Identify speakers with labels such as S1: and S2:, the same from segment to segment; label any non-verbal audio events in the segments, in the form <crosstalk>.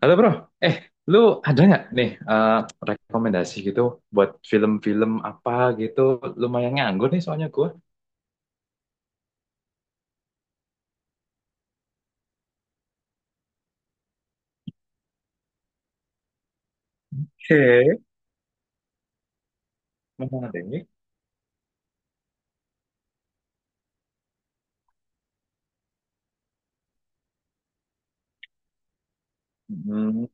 S1: Halo, bro. eh Lu ada nggak nih, rekomendasi gitu buat film-film apa gitu? Lumayan nganggur nih soalnya gue. Oke, memang ada ini. Hmm.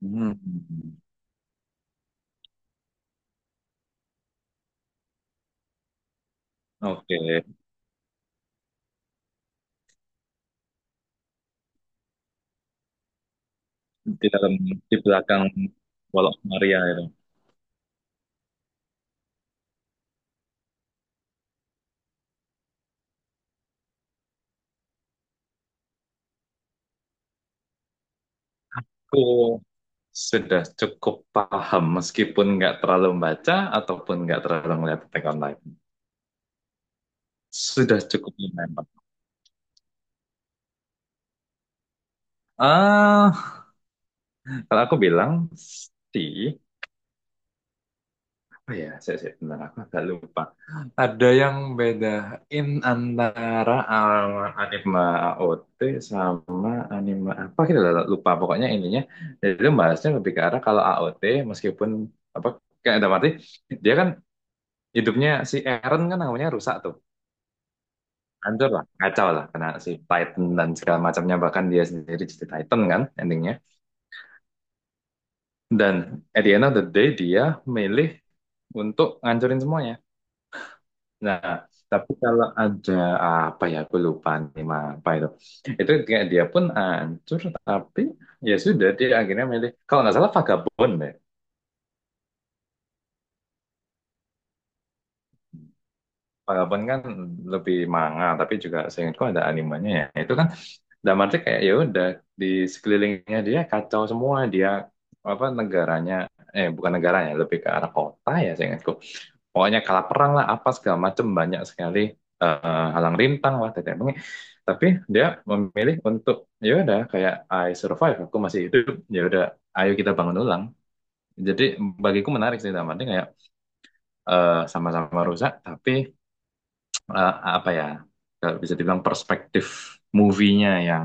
S1: Hmm. Oke, di dalam, di belakang Walau Maria itu. Aku sudah cukup paham meskipun nggak terlalu membaca ataupun nggak terlalu ngeliat Attack on Titan. Sudah cukup lumayan paham. Ah, kalau aku bilang sih, oh ya, saya bentar, aku agak lupa. Ada yang bedain antara anime AOT sama anime apa, kita lupa. Pokoknya ininya, jadi itu bahasnya lebih ke arah kalau AOT, meskipun apa, kayak ada arti. Dia kan hidupnya si Eren kan namanya rusak tuh. Hancur lah, kacau lah karena si Titan dan segala macamnya, bahkan dia sendiri jadi Titan kan endingnya. Dan at the end of the day dia milih untuk ngancurin semuanya. Nah, tapi kalau ada apa ya, aku lupa nih, mah, apa itu. Itu kayak dia pun hancur, tapi ya sudah, dia akhirnya milih. Kalau nggak salah Vagabond deh. Vagabond kan lebih manga, tapi juga seingatku ada animenya ya. Itu kan dalam arti kayak ya udah di sekelilingnya dia kacau semua. Dia apa negaranya, bukan negaranya, lebih ke arah kota ya, saya ingatku pokoknya kalah perang lah apa segala macem, banyak sekali halang rintang lah tetek bengek, tapi dia memilih untuk ya udah kayak I survive, aku masih hidup, ya udah, ayo kita bangun ulang. Jadi bagiku menarik sih, dalam arti kayak sama-sama rusak, tapi eh, apa ya, kalau bisa dibilang perspektif movie-nya yang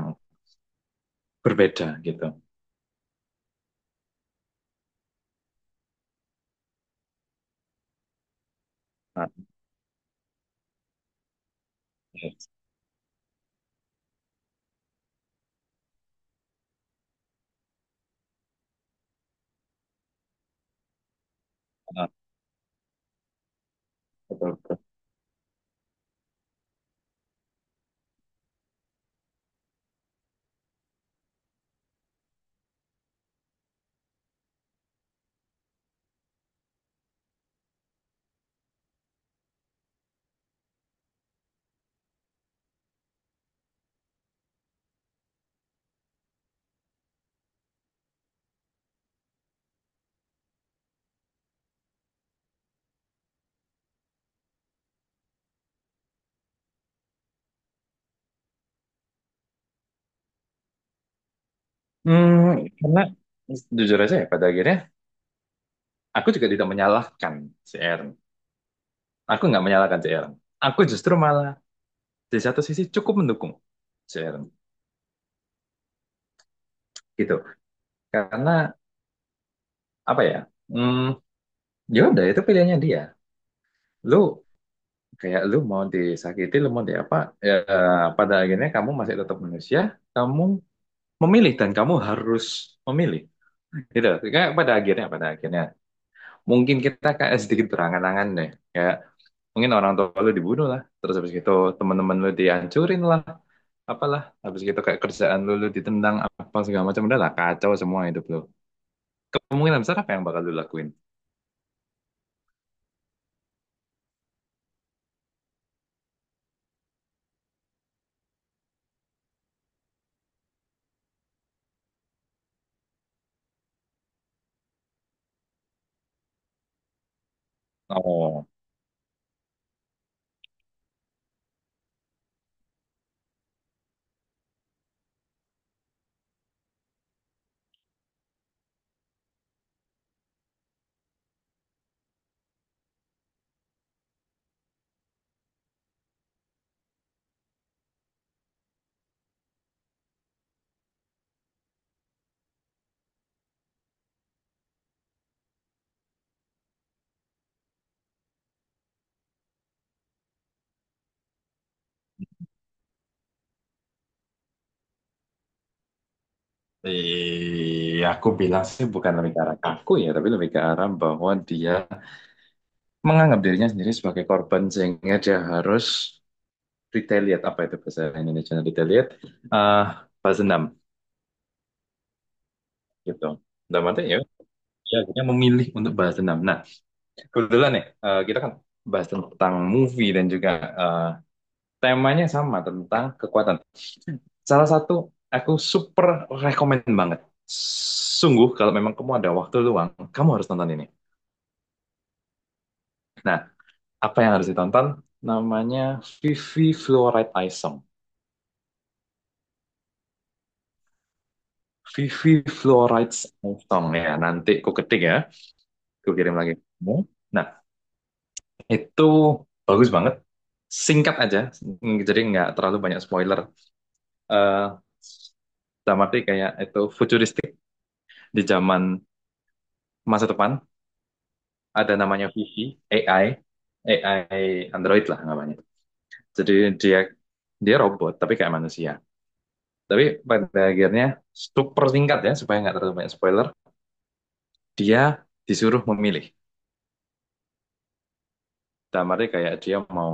S1: berbeda gitu. Nah, iya, benar, betul. Hmm, karena jujur aja ya, pada akhirnya aku juga tidak menyalahkan si Aaron. Aku nggak menyalahkan si Aaron. Aku justru malah di satu sisi cukup mendukung si Aaron gitu. Karena apa ya? Hmm, ya udah itu pilihannya dia. Lu kayak lu mau disakiti, lu mau di apa? Ya, pada akhirnya kamu masih tetap manusia. Kamu memilih dan kamu harus memilih. Gitu. Kayak pada akhirnya mungkin kita kayak sedikit berangan-angan deh. Kayak mungkin orang tua lu dibunuh lah, terus habis gitu teman-teman lu dihancurin lah apalah, habis gitu kayak kerjaan lu lu ditendang apa segala macam. Udah lah, kacau semua hidup lu. Kemungkinan besar apa yang bakal lu lakuin? Oh, aku bilang sih bukan lebih ke arah kaku ya, tapi lebih ke arah bahwa dia menganggap dirinya sendiri sebagai korban sehingga dia harus retaliate. Apa itu bahasa Indonesia retaliate? eh balas dendam gitu. Dalam arti ya, dia akhirnya memilih untuk balas dendam. Nah, kebetulan ya, kita kan bahas tentang movie dan juga eh, temanya sama tentang kekuatan. Salah satu aku super rekomend banget. Sungguh kalau memang kamu ada waktu luang, kamu harus nonton ini. Nah, apa yang harus ditonton? Namanya Vivi Fluoride Eye Song. Vivi Fluoride Eye Song ya. Nanti aku ketik ya, aku kirim lagi. Nah, itu bagus banget. Singkat aja, jadi nggak terlalu banyak spoiler. Eh Dalam arti kayak itu futuristik di zaman masa depan. Ada namanya Vivi, AI, AI Android lah namanya. Jadi dia, dia robot tapi kayak manusia. Tapi pada akhirnya, super singkat ya supaya nggak terlalu banyak spoiler. Dia disuruh memilih. Dalam arti kayak dia mau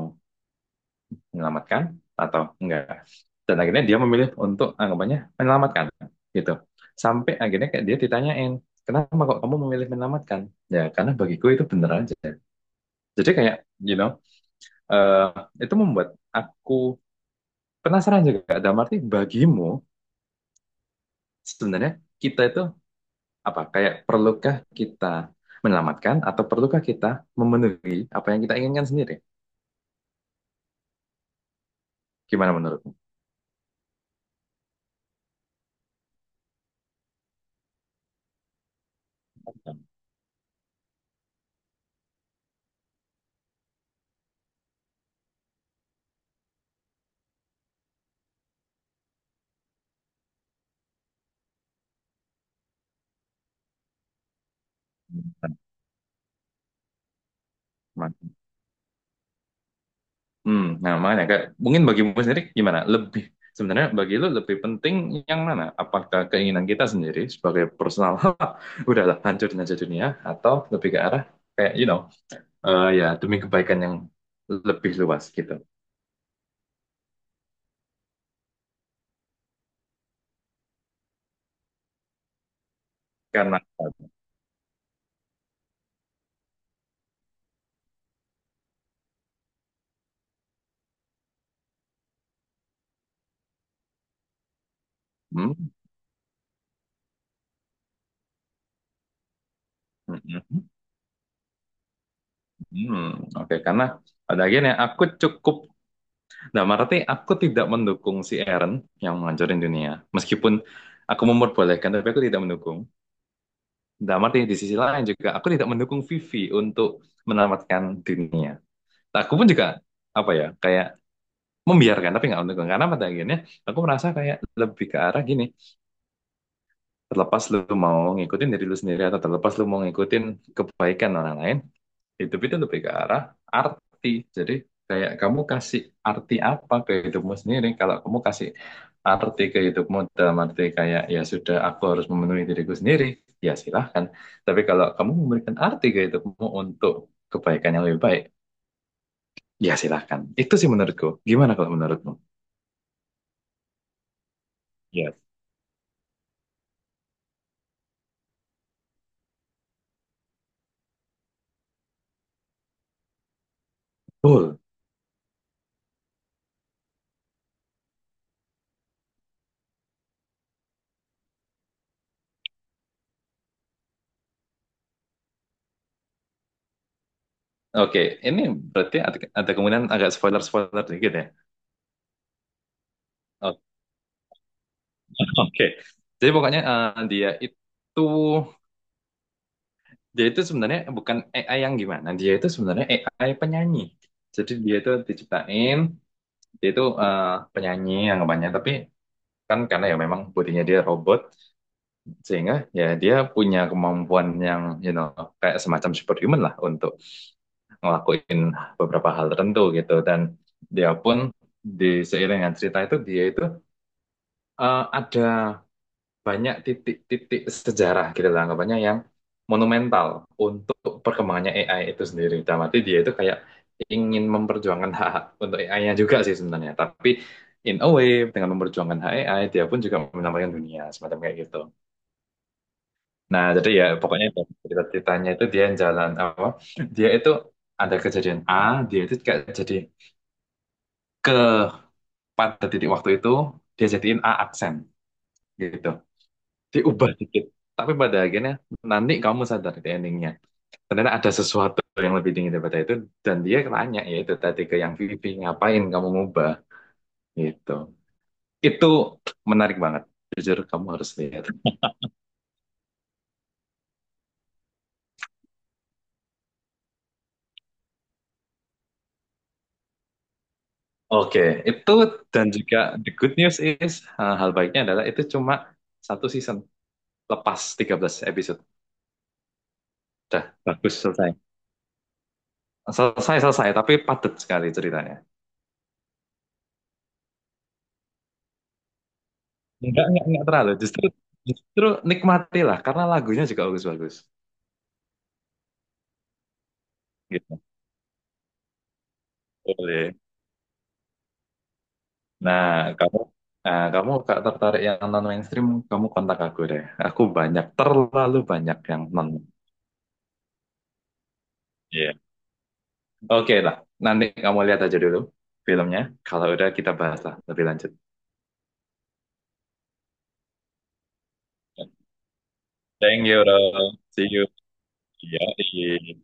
S1: menyelamatkan atau enggak. Dan akhirnya dia memilih untuk anggapannya menyelamatkan gitu. Sampai akhirnya kayak dia ditanyain, kenapa kok kamu memilih menyelamatkan? Ya karena bagiku itu bener aja. Jadi kayak, you know, eh, itu membuat aku penasaran juga. Dalam arti bagimu, sebenarnya kita itu apa? Kayak perlukah kita menyelamatkan atau perlukah kita memenuhi apa yang kita inginkan sendiri? Gimana menurutmu? Hmm, nah makanya kayak, mungkin bagimu sendiri gimana? Lebih, sebenarnya bagi lu lebih penting yang mana? Apakah keinginan kita sendiri sebagai personal, <laughs> udahlah hancurin aja dunia, atau lebih ke arah kayak you know, ya demi kebaikan yang lebih luas gitu. Karena hmm, hmm, hmm, hmm, oke. Karena pada akhirnya aku cukup, nah berarti aku tidak mendukung si Aaron yang menghancurin dunia. Meskipun aku memperbolehkan, tapi aku tidak mendukung. Nah berarti di sisi lain juga aku tidak mendukung Vivi untuk menyelamatkan dunia. Nah, aku pun juga apa ya, kayak membiarkan tapi nggak mendukung. Karena pada akhirnya aku merasa kayak lebih ke arah gini: terlepas lu mau ngikutin diri lu sendiri atau terlepas lu mau ngikutin kebaikan orang lain, hidup itu lebih ke arah arti. Jadi kayak kamu kasih arti apa ke hidupmu sendiri. Kalau kamu kasih arti ke hidupmu dalam arti kayak ya sudah aku harus memenuhi diriku sendiri, ya silahkan. Tapi kalau kamu memberikan arti ke hidupmu untuk kebaikan yang lebih baik, ya silahkan. Itu sih menurutku. Gimana kalau menurutmu? Ya, betul. Oke, ini berarti ada kemungkinan agak spoiler-spoiler sedikit ya. Oke, oke, jadi pokoknya dia itu, dia itu sebenarnya bukan AI yang gimana, dia itu sebenarnya AI penyanyi. Jadi dia itu diciptain, dia itu penyanyi yang banyak, tapi kan karena ya memang bodinya dia robot, sehingga ya dia punya kemampuan yang you know kayak semacam superhuman lah untuk ngelakuin beberapa hal tertentu gitu. Dan dia pun di seiring dengan cerita itu, dia itu ada banyak titik-titik sejarah gitu lah anggapannya yang monumental untuk perkembangannya AI itu sendiri. Dalam arti dia itu kayak ingin memperjuangkan hak-hak untuk AI-nya juga sih sebenarnya. Tapi in a way, dengan memperjuangkan hak AI, dia pun juga menyelamatkan dunia semacam kayak gitu. Nah jadi ya pokoknya dari cerita-ceritanya itu dia yang jalan apa? Dia itu ada kejadian A, dia itu kayak jadi ke pada titik waktu itu dia jadiin A aksen gitu, diubah dikit, tapi pada akhirnya nanti kamu sadar di endingnya ternyata ada sesuatu yang lebih tinggi daripada itu. Dan dia nanya ya itu tadi ke yang Vivi, ngapain kamu ngubah gitu? Itu menarik banget, jujur kamu harus lihat. Oke, okay. Itu dan juga the good news is, hal baiknya adalah itu cuma satu season lepas 13 episode. Dah bagus, selesai selesai selesai, tapi padat sekali ceritanya. Enggak, enggak terlalu, justru, justru nikmatilah karena lagunya juga bagus-bagus gitu, boleh. Nah, kamu ah, kamu gak tertarik yang non mainstream, kamu kontak aku deh. Aku banyak, terlalu banyak yang non. Iya. Oke lah, nanti kamu lihat aja dulu filmnya. Kalau udah kita bahas lah lebih lanjut. Thank you, bro. See you. Iya, iya.